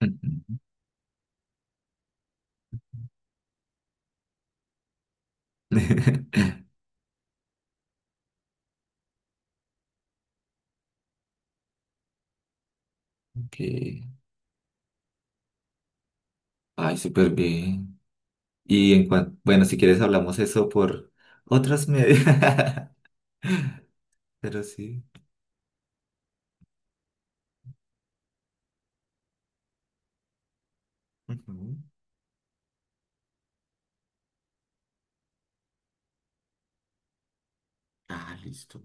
Ok. Ay, súper bien. Y en cuanto, bueno, si quieres hablamos eso por otras medias. Pero sí. Ujú. Ah, listo.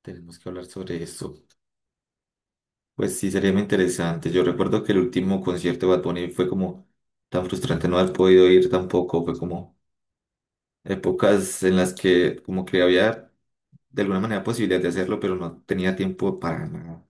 Tenemos que hablar sobre eso. Pues sí, sería muy interesante. Yo recuerdo que el último concierto de Bad Bunny fue como tan frustrante no haber podido ir tampoco. Fue como épocas en las que como que había de alguna manera posibilidad de hacerlo, pero no tenía tiempo para nada.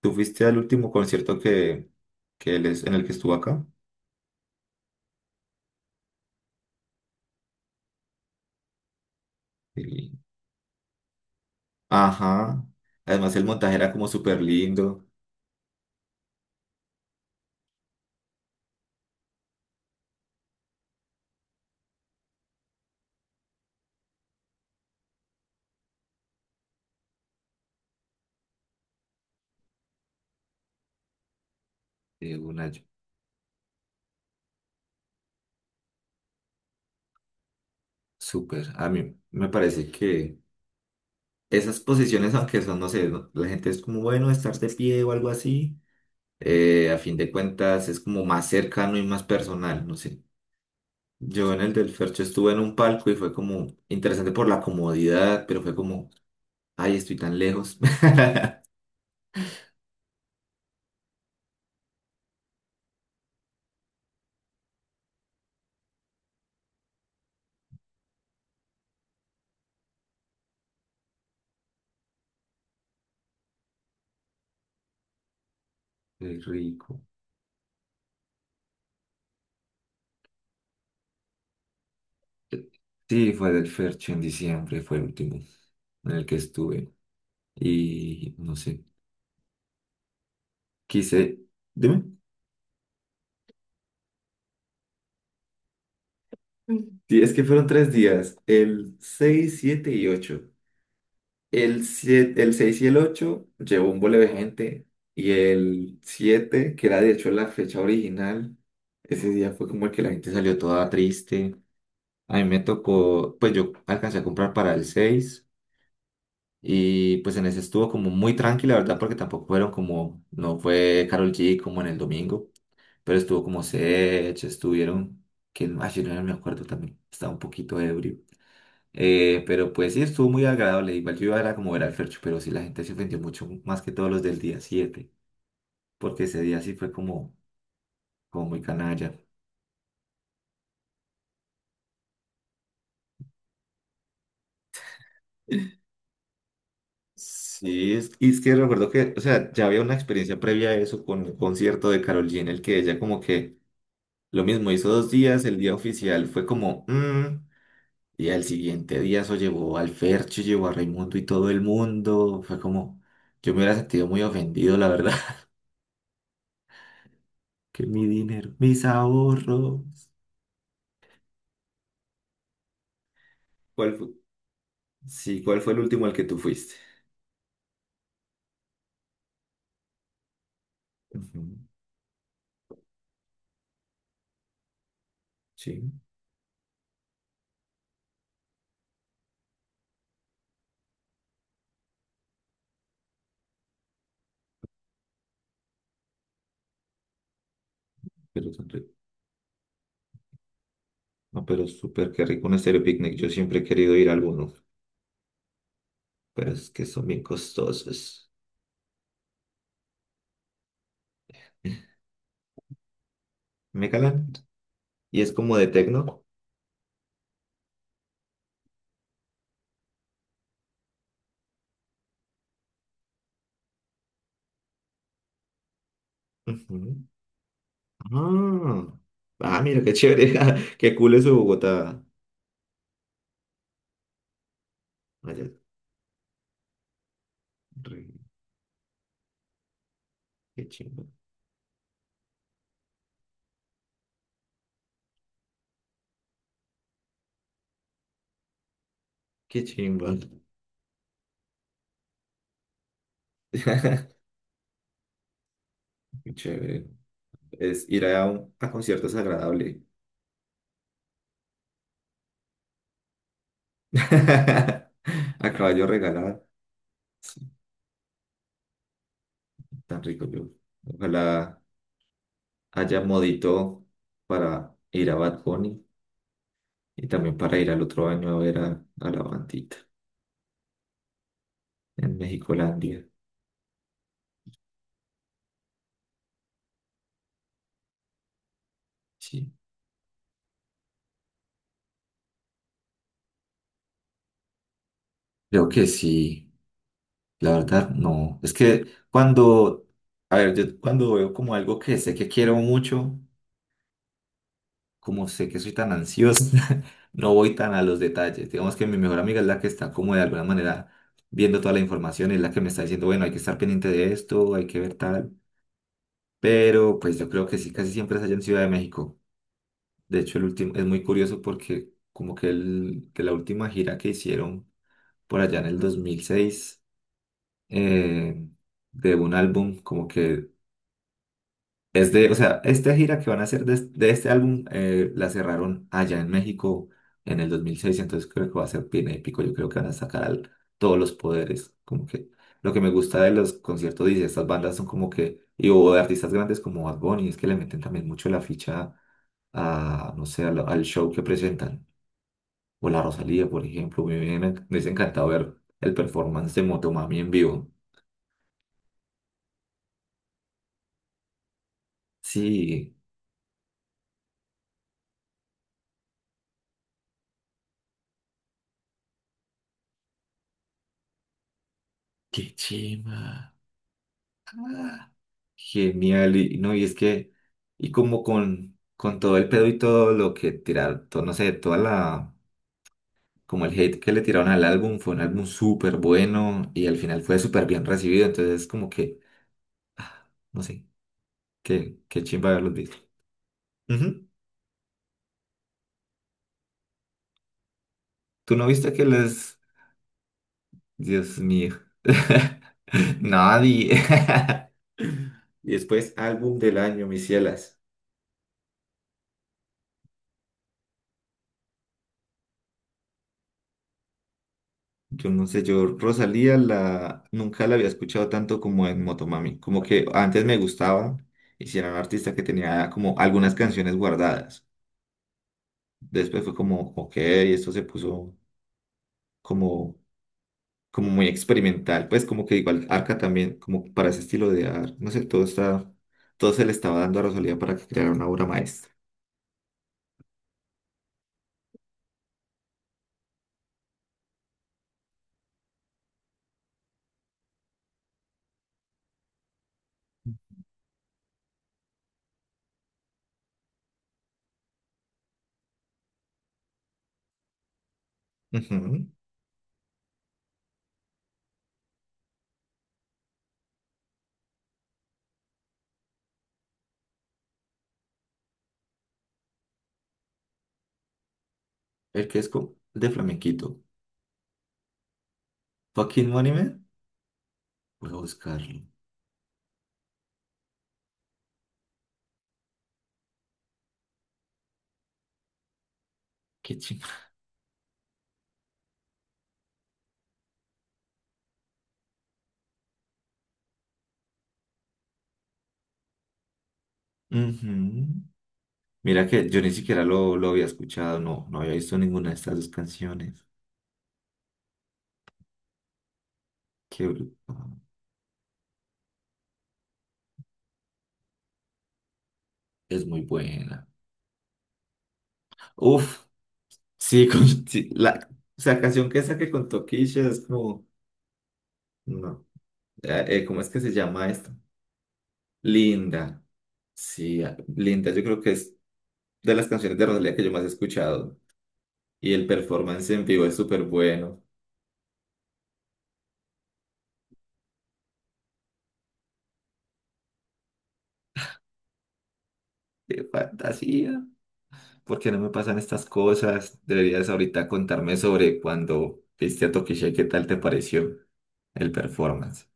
¿Tú fuiste al último concierto que en el que estuvo acá? Sí. Ajá. Además el montaje era como súper lindo. Una súper. A mí me parece que esas posiciones, aunque son, no sé, la gente es como bueno estar de pie o algo así, a fin de cuentas es como más cercano y más personal, no sé. Yo en el del Fercho estuve en un palco y fue como interesante por la comodidad, pero fue como, ay, estoy tan lejos. Qué rico. Sí, fue del Fercho en diciembre, fue el último en el que estuve. Y no sé. Quise, dime. Mm. Sí, es que fueron tres días, el 6 7 y ocho. El, 7 el 6 y el 8 llevó un bole de gente y el 7 que era de hecho la fecha original, ese día fue como el que la gente salió toda triste. A mí me tocó, pues yo alcancé a comprar para el 6 y pues en ese estuvo como muy tranquila, ¿verdad? Porque tampoco fueron como, no fue Carol G como en el domingo. Pero estuvo como Sech, estuvieron, quién más yo no me acuerdo también, estaba un poquito ebrio. Pero pues sí, estuvo muy agradable. Igual yo iba era como ver al Fercho, pero sí la gente se ofendió mucho más que todos los del día 7 porque ese día sí fue como, como muy canalla. Sí, es, y es que recuerdo que, o sea, ya había una experiencia previa a eso con el concierto de Karol G, en el que ella como que lo mismo hizo dos días, el día oficial fue como, "Mm", y al siguiente día eso llevó al Fercho, llevó a Raimundo y todo el mundo. Fue como, yo me hubiera sentido muy ofendido, la verdad. Que mi dinero, mis ahorros. ¿Cuál fue? Sí, ¿cuál fue el último al que tú fuiste? Ujú. Sí, pero son ri- No, pero súper qué rico un estéreo picnic. Yo siempre he querido ir a alguno, pero es que son bien costosos. ¿Me calan? Y es como de tecno. Ujú. Ah, ah, mira, qué chévere. Qué cool es Bogotá. Allá, re- qué chingo. Qué chimba. Qué Chévere. Es ir a, a conciertos agradable. A caballo regalado. Sí, tan rico yo. Ojalá haya modito para ir a Bad Bunny y también para ir al otro año a ver a la bandita en Mexicolandia. Sí. Creo que sí, la verdad no. Es que cuando, a ver, yo cuando veo como algo que sé que quiero mucho. Como sé que soy tan ansiosa, no voy tan a los detalles. Digamos que mi mejor amiga es la que está como de alguna manera viendo toda la información, es la que me está diciendo, bueno, hay que estar pendiente de esto, hay que ver tal. Pero pues yo creo que sí, casi siempre es allá en Ciudad de México. De hecho, el último es muy curioso porque como que, el, que la última gira que hicieron por allá en el 2006 eh, de un álbum, como que es de, o sea, esta gira que van a hacer de, de este álbum la cerraron allá en México en el 2006, entonces creo que va a ser bien épico. Yo creo que van a sacar todos los poderes. Como que lo que me gusta de los conciertos y de estas bandas son como que, y o de artistas grandes como Bad Bunny, es que le meten también mucho la ficha a, no sé, al, al show que presentan. O la Rosalía, por ejemplo. Me hubiese encantado ver el performance de Motomami en vivo. Sí, qué chima. Genial, y no, y es que, y como con todo el pedo y todo lo que tiraron, todo, no sé, toda la, como el hate que le tiraron al álbum, fue un álbum súper bueno y al final fue súper bien recibido, entonces como que, ah, no sé, qué, qué chimba haberlos visto. Ujú. ¿Tú no viste que les, Dios mío, nadie? Y después, álbum del año, mis cielas. Yo no sé, yo Rosalía la nunca la había escuchado tanto como en Motomami. Como que antes me gustaba y si era un artista que tenía como algunas canciones guardadas. Después fue como, ok, esto se puso como, como muy experimental. Pues como que igual Arca también, como para ese estilo de arte. No sé, todo está, todo se le estaba dando a Rosalía para que creara una obra maestra. Ujú. El que es de flamenquito. Fucking Money Man. Voy a buscarlo. Qué chingada. Mira que yo ni siquiera lo había escuchado, no, no había visto ninguna de estas dos canciones. Qué bruto. Es muy buena. Uf, sí, con, sí, la, o sea, canción que esa que contó Keisha es como, no, ¿cómo es que se llama esta? Linda, sí, ah, Linda, yo creo que es de las canciones de Rosalía que yo más he escuchado. Y el performance en vivo es súper bueno. Qué fantasía. ¿Por qué no me pasan estas cosas? Deberías ahorita contarme sobre cuando viste a Tokishé, ¿qué tal te pareció el performance?